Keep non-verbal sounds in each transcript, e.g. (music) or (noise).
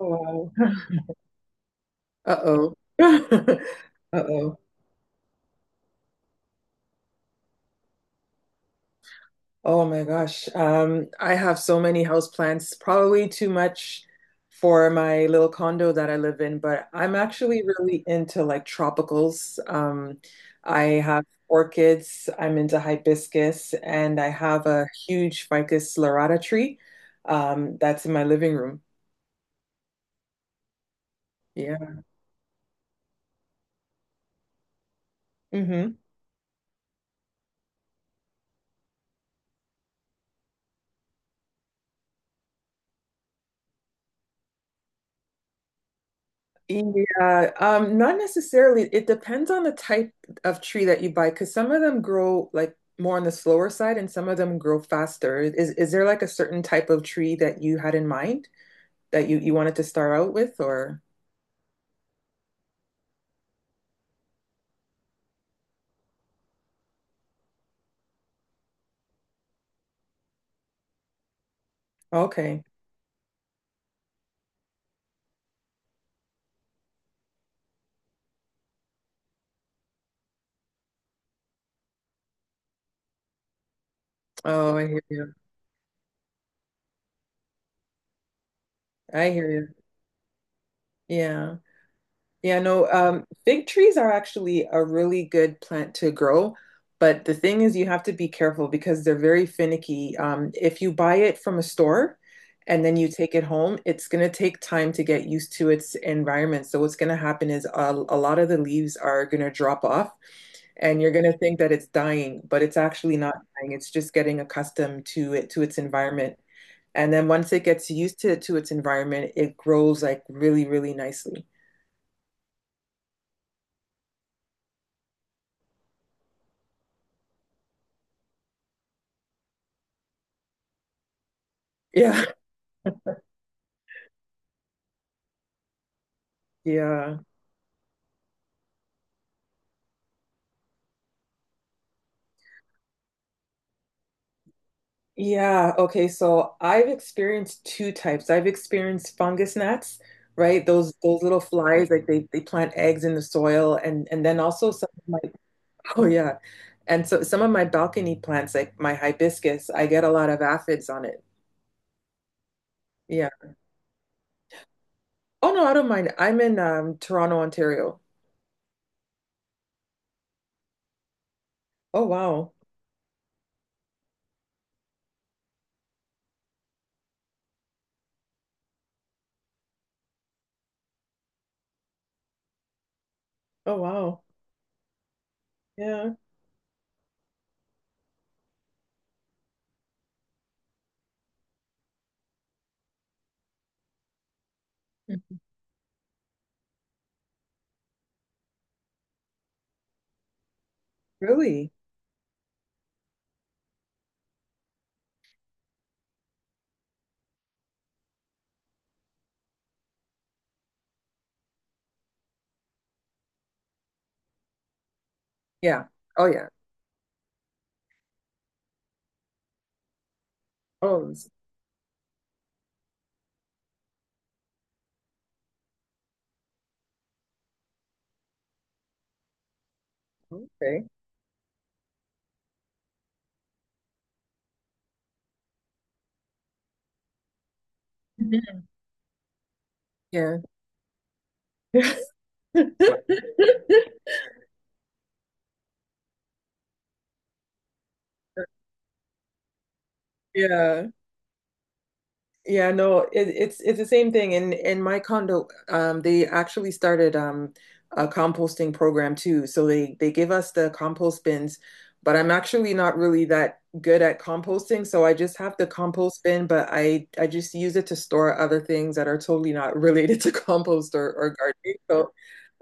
Oh, (laughs) uh-oh. (laughs) Uh-oh. Oh my gosh. I have so many houseplants, probably too much for my little condo that I live in, but I'm actually really into like tropicals. I have orchids, I'm into hibiscus, and I have a huge Ficus lirata tree, that's in my living room. Yeah. Hmm. Yeah, not necessarily. It depends on the type of tree that you buy, because some of them grow like more on the slower side, and some of them grow faster. Is there like a certain type of tree that you had in mind that you wanted to start out with, or okay? Oh, I hear you. I hear you. Yeah. Yeah, no, fig trees are actually a really good plant to grow, but the thing is, you have to be careful because they're very finicky. If you buy it from a store and then you take it home, it's going to take time to get used to its environment. So, what's going to happen is a lot of the leaves are going to drop off, and you're going to think that it's dying, but it's actually not dying. It's just getting accustomed to to its environment. And then once it gets used to its environment, it grows like really, really nicely. Yeah. Yeah. Yeah. Okay. So I've experienced two types. I've experienced fungus gnats, right? Those little flies, like they plant eggs in the soil and then also some of my (laughs) oh yeah. And so some of my balcony plants, like my hibiscus, I get a lot of aphids on it. Yeah. Oh no, I don't mind. I'm in Toronto, Ontario. Oh wow. Oh wow. Yeah. Mhm. Really? Yeah. Oh yeah. Oh, it's- okay. Mhm. Yeah. (laughs) Yeah. Yeah, no, it's it's the same thing. In my condo, they actually started a composting program too. So they give us the compost bins, but I'm actually not really that good at composting, so I just have the compost bin, but I just use it to store other things that are totally not related to (laughs) compost or gardening. So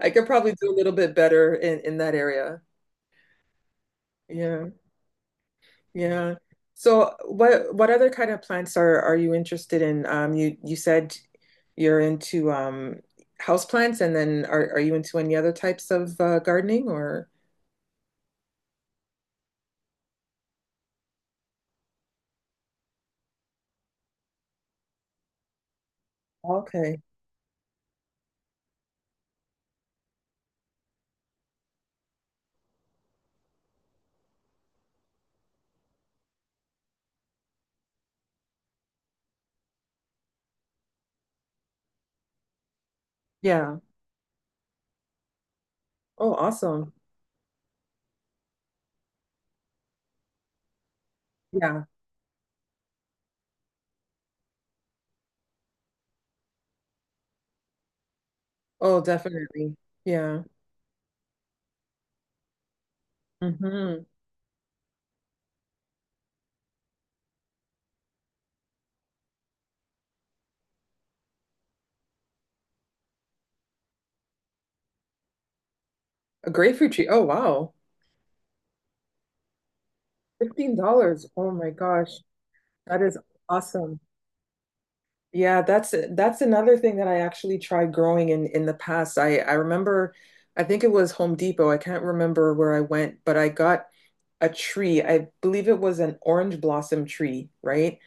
I could probably do a little bit better in that area. Yeah. Yeah. So what other kind of plants are you interested in? You said you're into house plants and then are you into any other types of gardening or? Okay. Yeah. Oh, awesome. Yeah. Oh, definitely. Yeah. Mm-hmm. A grapefruit tree. Oh, wow. $15. Oh my gosh. That is awesome. Yeah, that's another thing that I actually tried growing in the past. I remember I think it was Home Depot. I can't remember where I went, but I got a tree. I believe it was an orange blossom tree, right?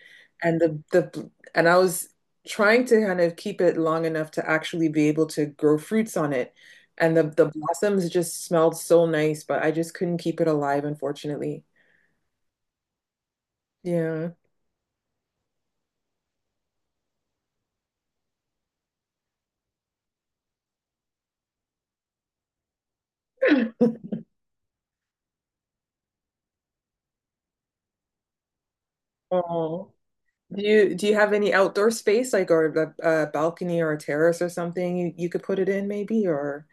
And the and I was trying to kind of keep it long enough to actually be able to grow fruits on it. And the blossoms just smelled so nice, but I just couldn't keep it alive, unfortunately. Yeah. (laughs) Oh. Do you have any outdoor space like or a balcony or a terrace or something you could put it in maybe or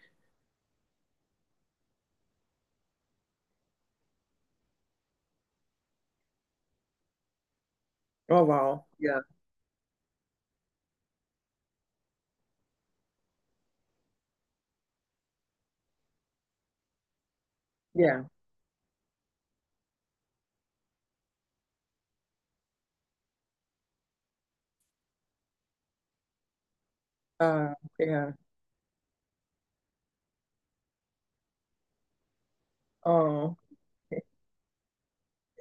oh wow yeah yeah uh yeah oh (laughs)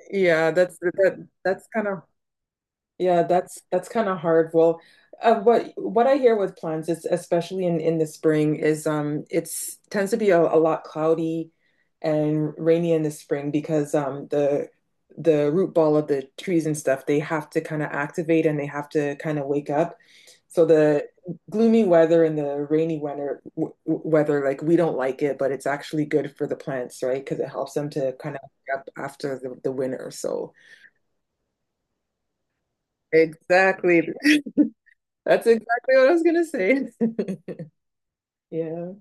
yeah that's that's kind of Yeah, that's kind of hard. Well, what I hear with plants is especially in the spring is it's tends to be a lot cloudy and rainy in the spring because the root ball of the trees and stuff they have to kind of activate and they have to kind of wake up. So the gloomy weather and the rainy weather w weather like we don't like it, but it's actually good for the plants, right? Because it helps them to kind of wake up after the winter. So exactly. That's exactly what I was gonna say. (laughs) Yeah.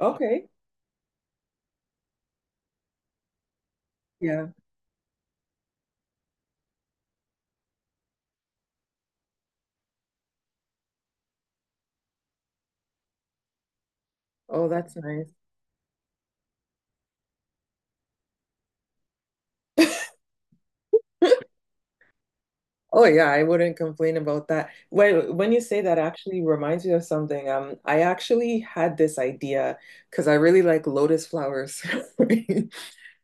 Okay. Yeah. Oh, that's nice. (laughs) Oh yeah, I wouldn't complain about that. When you say that actually reminds me of something. I actually had this idea because I really like lotus flowers. (laughs)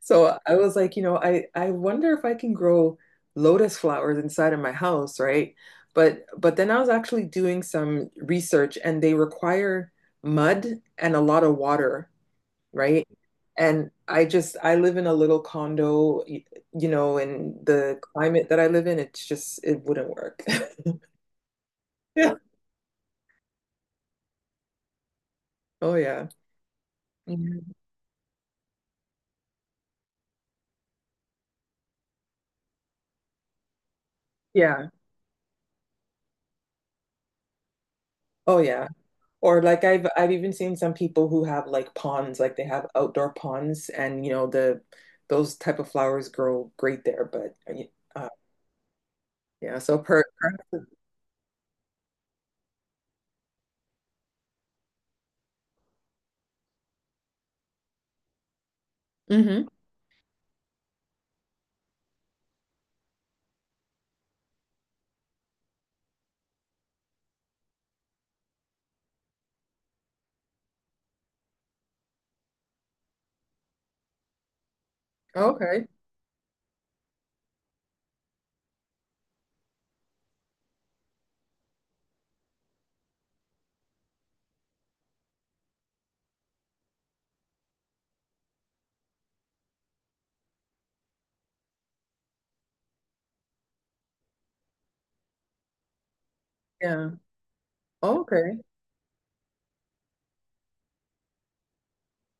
So I was like, you know, I wonder if I can grow lotus flowers inside of my house, right? But then I was actually doing some research and they require mud and a lot of water. Right? And I just, I live in a little condo, you know, and the climate that I live in, it's just, it wouldn't work. (laughs) Yeah. Oh, yeah. Mhm. Yeah. Oh, yeah. Or like I've even seen some people who have like ponds, like they have outdoor ponds, and you know the those type of flowers grow great there. But uh, yeah, so per hmm okay. Yeah. Okay.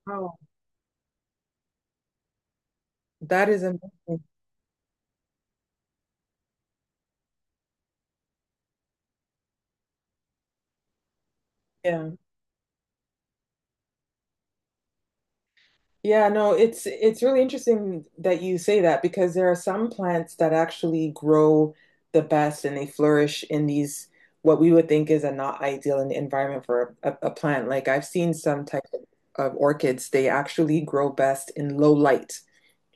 Wow. That is amazing. Yeah. Yeah, no, it's really interesting that you say that because there are some plants that actually grow the best and they flourish in these what we would think is a not ideal environment for a plant. Like I've seen some type of orchids, they actually grow best in low light,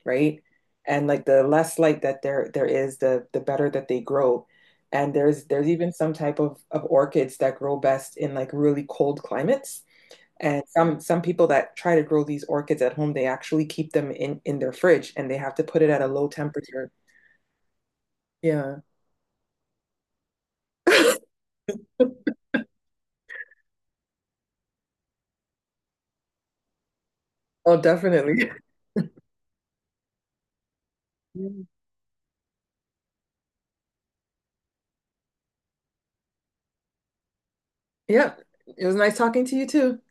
right? And like the less light that there is, the better that they grow. And there's even some type of orchids that grow best in like really cold climates. And some people that try to grow these orchids at home, they actually keep them in their fridge and they have to put it at a low temperature. Yeah. (laughs) Oh, definitely. Yeah. It was nice talking to you too.